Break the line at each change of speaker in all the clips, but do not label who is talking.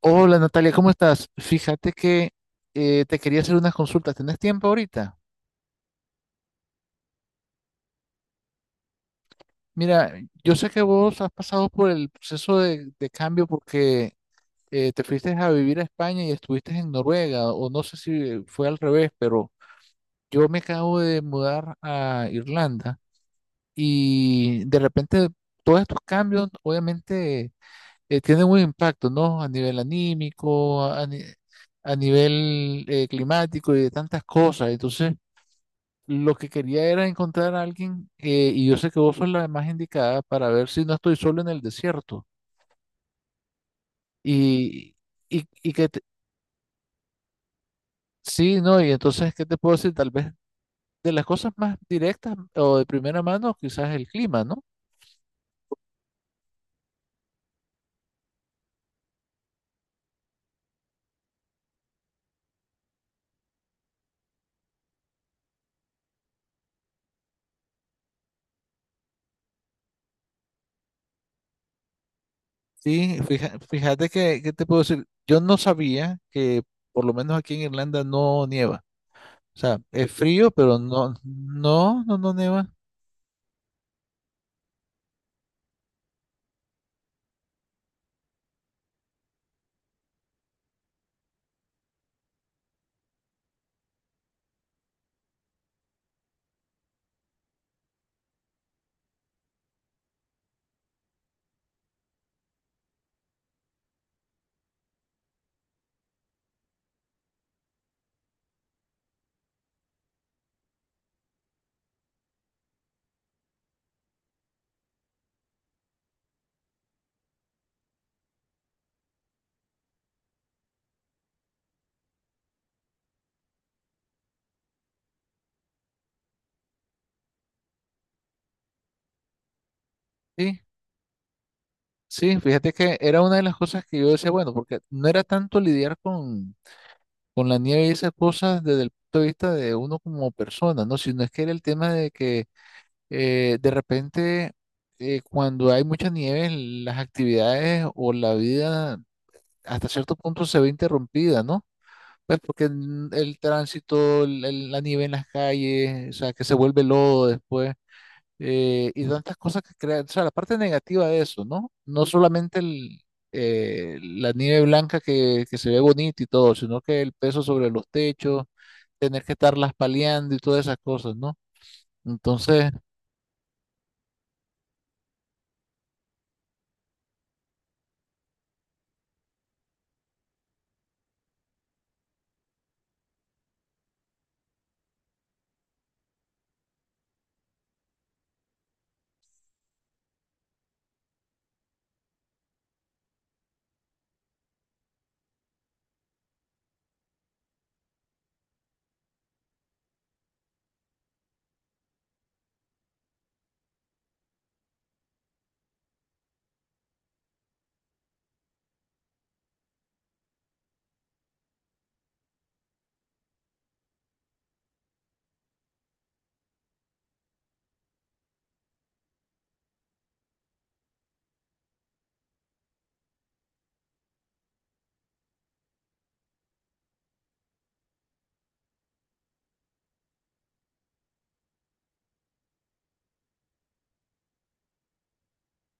Hola Natalia, ¿cómo estás? Fíjate que te quería hacer unas consultas. ¿Tenés tiempo ahorita? Mira, yo sé que vos has pasado por el proceso de cambio porque te fuiste a vivir a España y estuviste en Noruega, o no sé si fue al revés, pero yo me acabo de mudar a Irlanda y de repente todos estos cambios obviamente tienen un impacto, ¿no? A nivel anímico, a, ni- a nivel climático y de tantas cosas. Entonces, lo que quería era encontrar a alguien, y yo sé que vos sos la más indicada para ver si no estoy solo en el desierto. Y, y, y que te- sí, no, y entonces, ¿qué te puedo decir? Tal vez de las cosas más directas o de primera mano, quizás el clima, ¿no? Sí, fíjate que, ¿qué te puedo decir? Yo no sabía que por lo menos aquí en Irlanda no nieva. O sea, es frío, pero no, no, no, no nieva. Sí, sí, fíjate que era una de las cosas que yo decía, bueno, porque no era tanto lidiar con la nieve y esas cosas desde el punto de vista de uno como persona, ¿no? Sino es que era el tema de que de repente, cuando hay mucha nieve, las actividades o la vida hasta cierto punto se ve interrumpida, ¿no? Pues porque el tránsito, la nieve en las calles, o sea, que se vuelve lodo después. Y tantas cosas que crean, o sea, la parte negativa de eso, ¿no? No solamente la nieve blanca que se ve bonita y todo, sino que el peso sobre los techos, tener que estarlas paliando y todas esas cosas, ¿no? Entonces,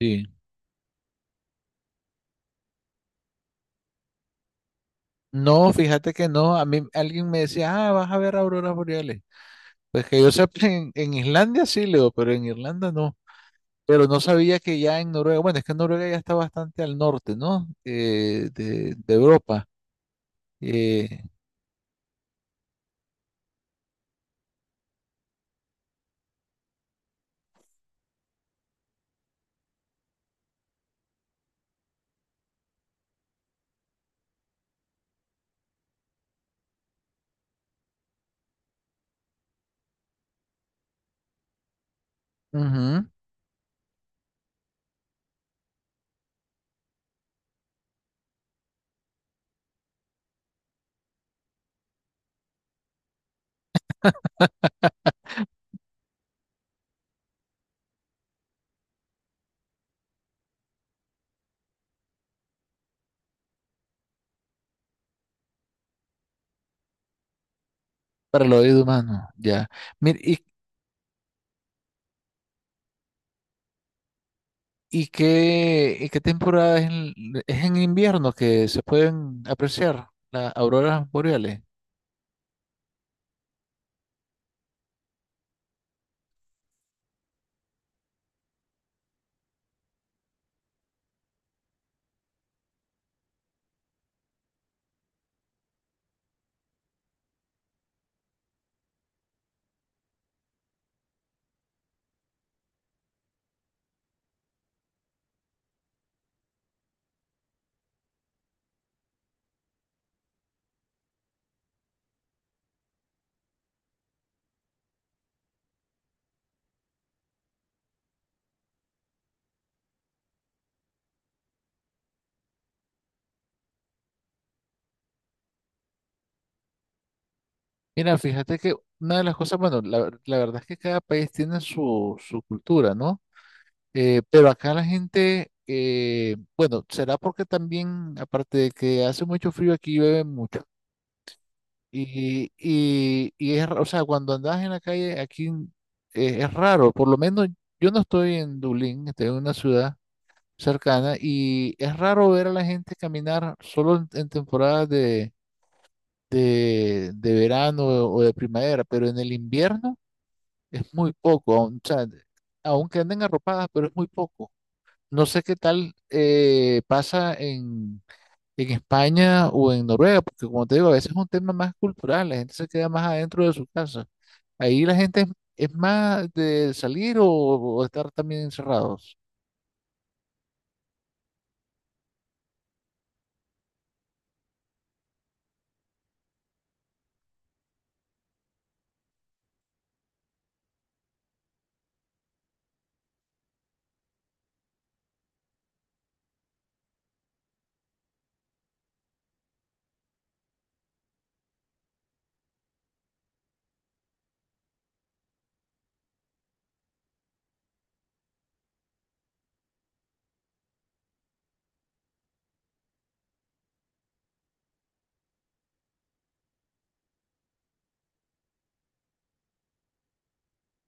sí. No, fíjate que no. A mí alguien me decía, ah, vas a ver auroras boreales. Pues que yo sepa, en Islandia sí, Leo, pero en Irlanda no. Pero no sabía que ya en Noruega, bueno, es que Noruega ya está bastante al norte, ¿no? De Europa. Eh, ujú. Para el oído humano, ya. Mira, y qué, ¿y qué temporada es en invierno que se pueden apreciar las auroras boreales? Mira, fíjate que una de las cosas, bueno, la verdad es que cada país tiene su, su cultura, ¿no? Pero acá la gente, bueno, será porque también, aparte de que hace mucho frío, aquí llueve mucho. Y es, o sea, cuando andas en la calle, aquí es raro, por lo menos yo no estoy en Dublín, estoy en una ciudad cercana, y es raro ver a la gente caminar solo en temporadas de verano o de primavera, pero en el invierno es muy poco, o sea, aunque anden arropadas, pero es muy poco. No sé qué tal pasa en España o en Noruega, porque como te digo, a veces es un tema más cultural, la gente se queda más adentro de su casa. Ahí la gente es más de salir o estar también encerrados.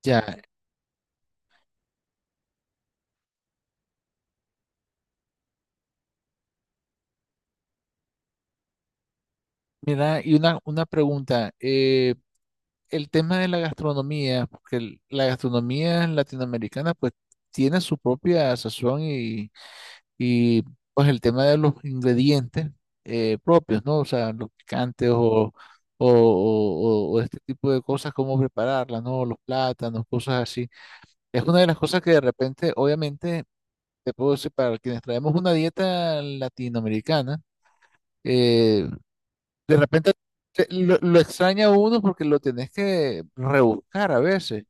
Ya, mira, y una pregunta. El tema de la gastronomía, porque la gastronomía latinoamericana pues tiene su propia sazón, y pues el tema de los ingredientes propios, ¿no? O sea, los picantes o, o este tipo de cosas, cómo prepararlas, ¿no? Los plátanos, cosas así. Es una de las cosas que de repente, obviamente, te puedo decir, para quienes traemos una dieta latinoamericana, eh, de repente lo extraña uno porque lo tenés que rebuscar a veces.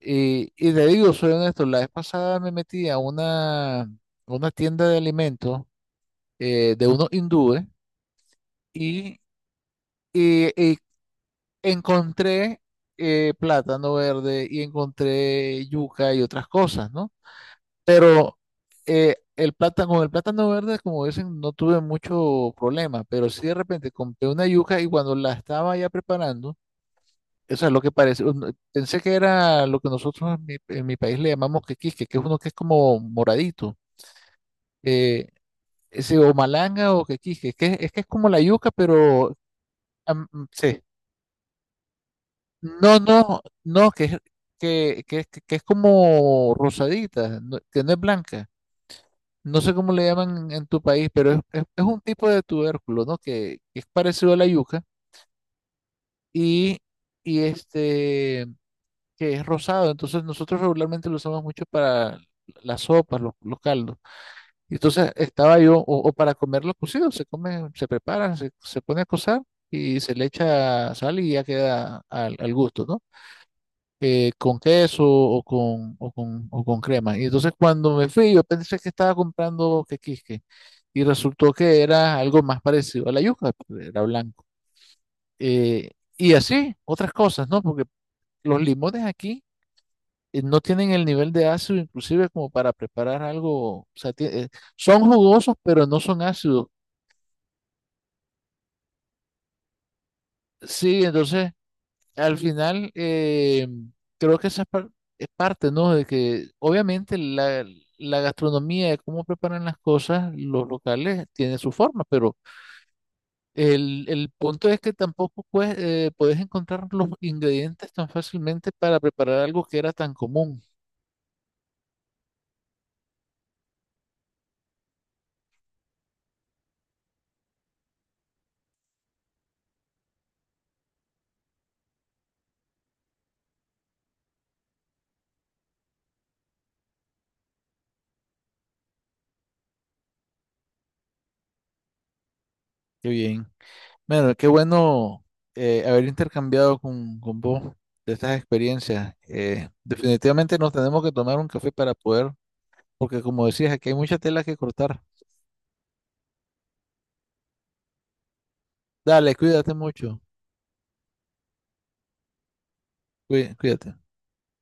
Y te digo, soy honesto, la vez pasada me metí a una tienda de alimentos de unos hindúes y, eh, eh, encontré plátano verde y encontré yuca y otras cosas, ¿no? Pero el plátano, con el plátano verde, como dicen, no tuve mucho problema, pero sí de repente compré una yuca y cuando la estaba ya preparando, eso es lo que parece, pensé que era lo que nosotros en mi país le llamamos quequisque, que es uno que es como moradito. eh, ese o malanga o quequisque, que es que es como la yuca, pero sí. No, no, no, que es, que, que es como rosadita, que no es blanca. No sé cómo le llaman en tu país, pero es, es un tipo de tubérculo, ¿no? Que es parecido a la yuca y, y este, que es rosado. Entonces nosotros regularmente lo usamos mucho para las sopas, los caldos. Y entonces estaba yo, o para comerlo cocido, se come, se prepara, se pone a cocer y se le echa sal y ya queda al, al gusto, ¿no? Con queso o con, o con, o con crema. Y entonces cuando me fui, yo pensé que estaba comprando quequisque y resultó que era algo más parecido a la yuca, pero era blanco. Eh, y así, otras cosas, ¿no? Porque los limones aquí no tienen el nivel de ácido inclusive como para preparar algo, o sea, son jugosos, pero no son ácidos. Sí, entonces al final, creo que es parte, ¿no? De que obviamente la, la gastronomía, de cómo preparan las cosas, los locales, tiene su forma, pero el punto es que tampoco pues, puedes encontrar los ingredientes tan fácilmente para preparar algo que era tan común. Qué bien. Bueno, qué bueno haber intercambiado con vos de estas experiencias. Definitivamente nos tenemos que tomar un café para poder, porque como decías, aquí hay mucha tela que cortar. Dale, cuídate mucho. Cuídate.